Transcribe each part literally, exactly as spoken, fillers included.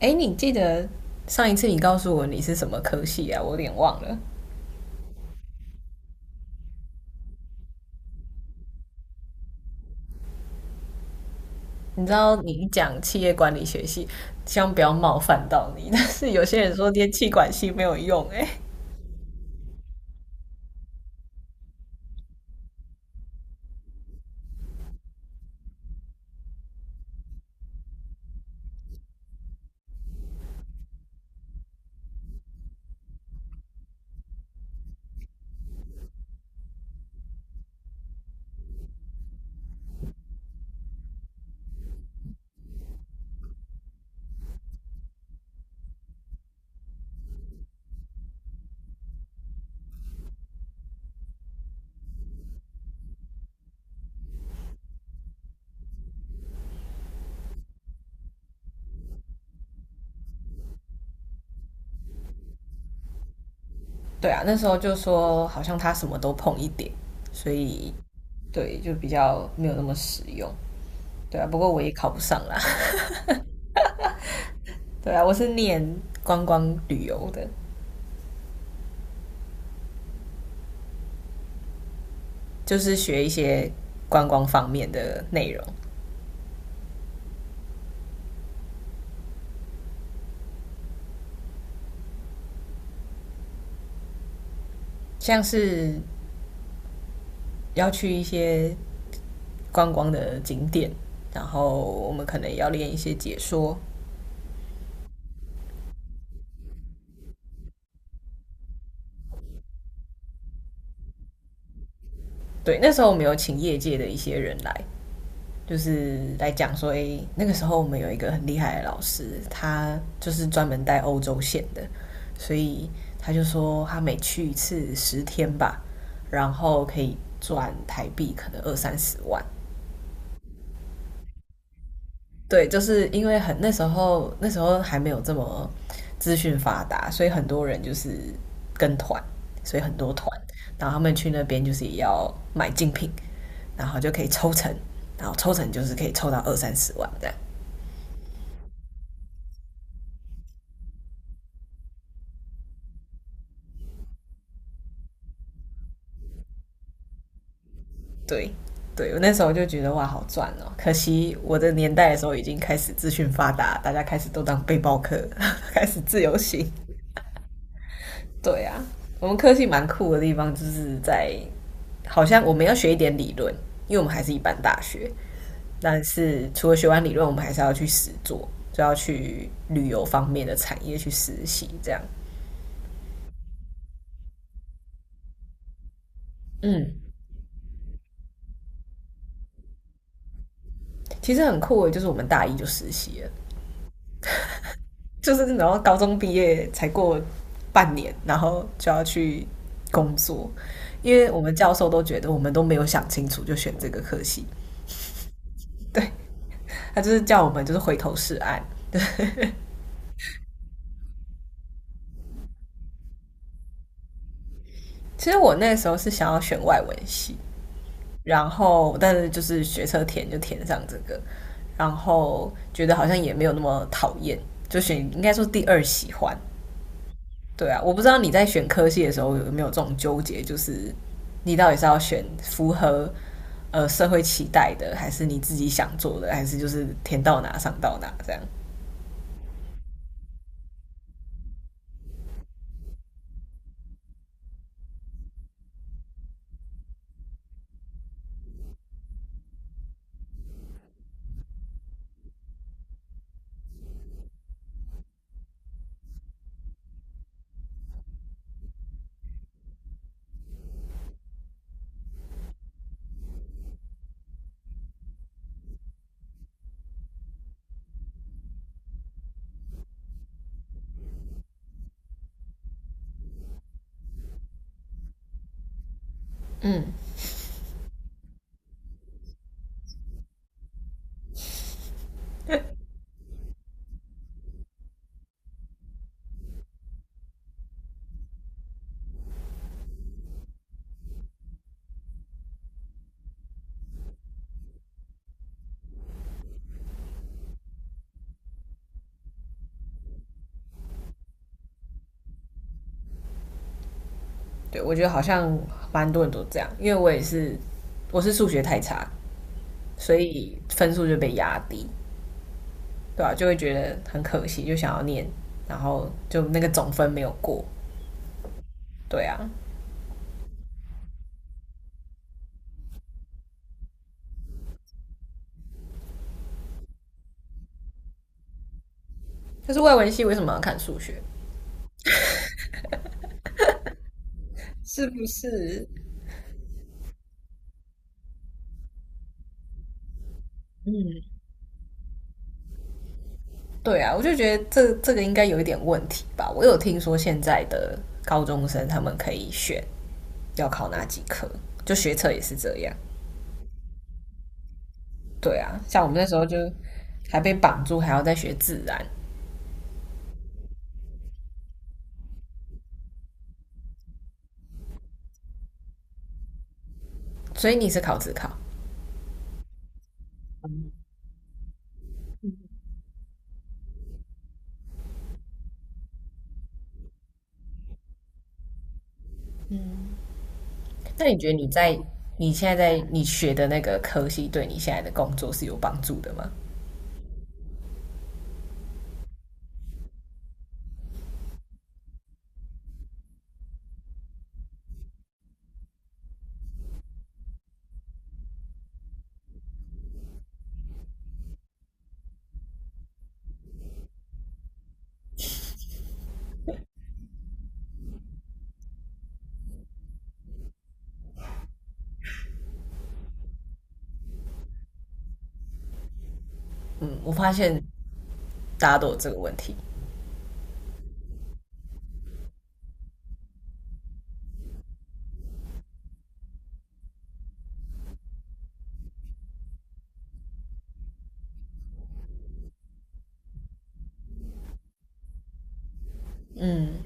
哎，你记得上一次你告诉我你是什么科系啊？我有点忘了。你知道你一讲企业管理学系，希望不要冒犯到你。但是有些人说念气管系没有用、哎，对啊，那时候就说好像他什么都碰一点，所以对就比较没有那么实用。对啊，不过我也考不上啦。对啊，我是念观光旅游的，就是学一些观光方面的内容，像是要去一些观光的景点，然后我们可能也要练一些解说。对，那时候我们有请业界的一些人来，就是来讲说，诶，那个时候我们有一个很厉害的老师，他就是专门带欧洲线的，所以他就说他每去一次十天吧，然后可以赚台币可能二三十万。对，就是因为很那时候那时候还没有这么资讯发达，所以很多人就是跟团，所以很多团，然后他们去那边就是也要买精品，然后就可以抽成，然后抽成就是可以抽到二三十万这样。对，对我那时候就觉得哇，好赚哦！可惜我的年代的时候已经开始资讯发达，大家开始都当背包客，开始自由行。对啊，我们科系蛮酷的地方就是在，好像我们要学一点理论，因为我们还是一般大学，但是除了学完理论，我们还是要去实做，就要去旅游方面的产业去实习，这样其实很酷的，就是我们大一就实习了，就是然后高中毕业才过半年，然后就要去工作，因为我们教授都觉得我们都没有想清楚就选这个科系，对他就是叫我们就是回头是岸，其实我那时候是想要选外文系，然后但是就是学车填就填上这个，然后觉得好像也没有那么讨厌，就选应该说第二喜欢。对啊，我不知道你在选科系的时候有没有这种纠结，就是你到底是要选符合呃社会期待的，还是你自己想做的，还是就是填到哪上到哪这样？嗯，对，我觉得好像蛮多人都这样，因为我也是我是数学太差，所以分数就被压低。对啊，就会觉得很可惜，就想要念，然后就那个总分没有过，对啊，就是外文系为什么要看数学？是不是？对啊，我就觉得这这个应该有一点问题吧。我有听说现在的高中生他们可以选要考哪几科，就学测也是这样。对啊，像我们那时候就还被绑住，还要再学自然。所以你是考自考，那你觉得你在你现在在你学的那个科系对你现在的工作是有帮助的吗？嗯，我发现大家都有这个问题。嗯，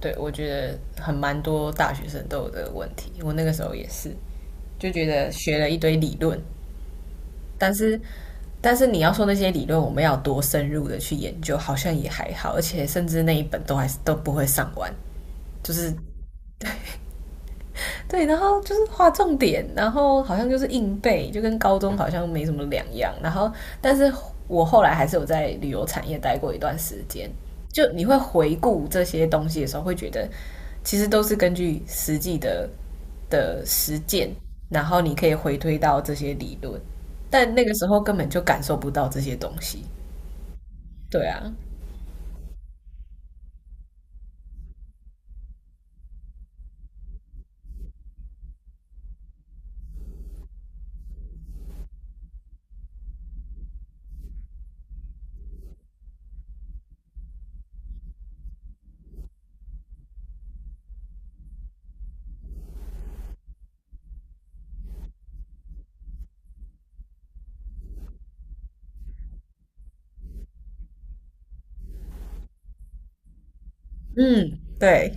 对，我觉得很蛮多大学生都有这个问题。我那个时候也是，就觉得学了一堆理论，但是但是你要说那些理论，我们要多深入的去研究，好像也还好，而且甚至那一本都还是都不会上完，就是对，然后就是画重点，然后好像就是硬背，就跟高中好像没什么两样。然后，但是我后来还是有在旅游产业待过一段时间。就你会回顾这些东西的时候，会觉得其实都是根据实际的的实践，然后你可以回推到这些理论，但那个时候根本就感受不到这些东西。对啊，嗯，对，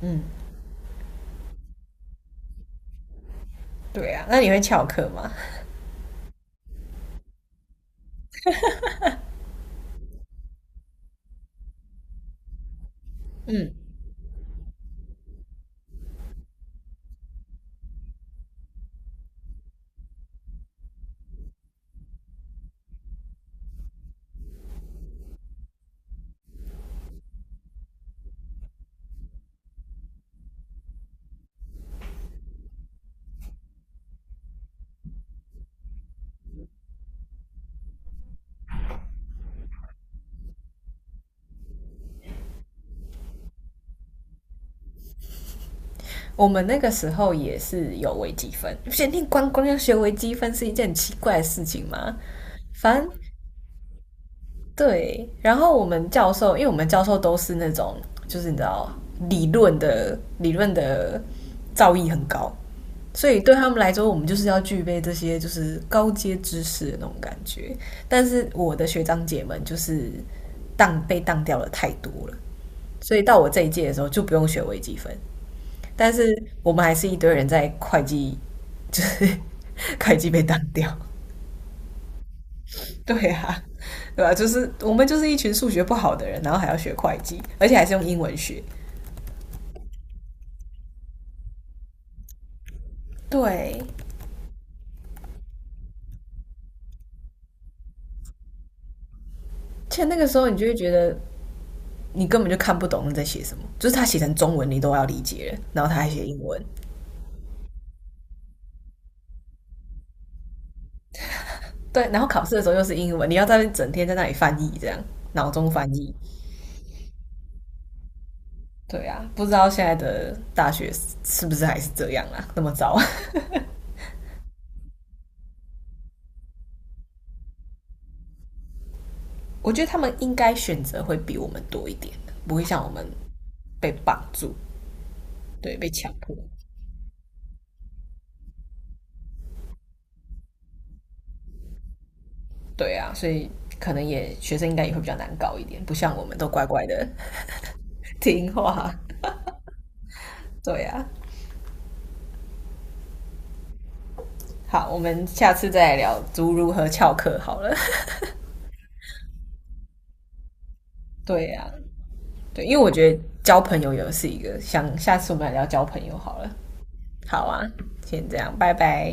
嗯，对啊。那你会翘课吗？我们那个时候也是有微积分，不是你光光要学微积分是一件很奇怪的事情吗？反正对，然后我们教授，因为我们教授都是那种，就是你知道理论的理论的造诣很高，所以对他们来说，我们就是要具备这些就是高阶知识的那种感觉。但是我的学长姐们就是当被当掉了太多了，所以到我这一届的时候就不用学微积分，但是我们还是一堆人在会计，就是会计被当掉。对啊，对吧、啊就是我们就是一群数学不好的人，然后还要学会计，而且还是用英文学。对，且那个时候你就会觉得你根本就看不懂你在写什么，就是他写成中文你都要理解了，然后他还写英文。对，然后考试的时候又是英文，你要在那边整天在那里翻译，这样脑中翻译。对啊，不知道现在的大学是不是还是这样啊？那么糟。我觉得他们应该选择会比我们多一点，不会像我们被绑住，对，被强迫。对啊，所以可能也学生应该也会比较难搞一点，不像我们都乖乖的听话。对啊，好，我们下次再来聊如如何翘课好了。对啊，对，因为我觉得交朋友也是一个，想下次我们来聊交朋友好了。好啊，先这样，拜拜。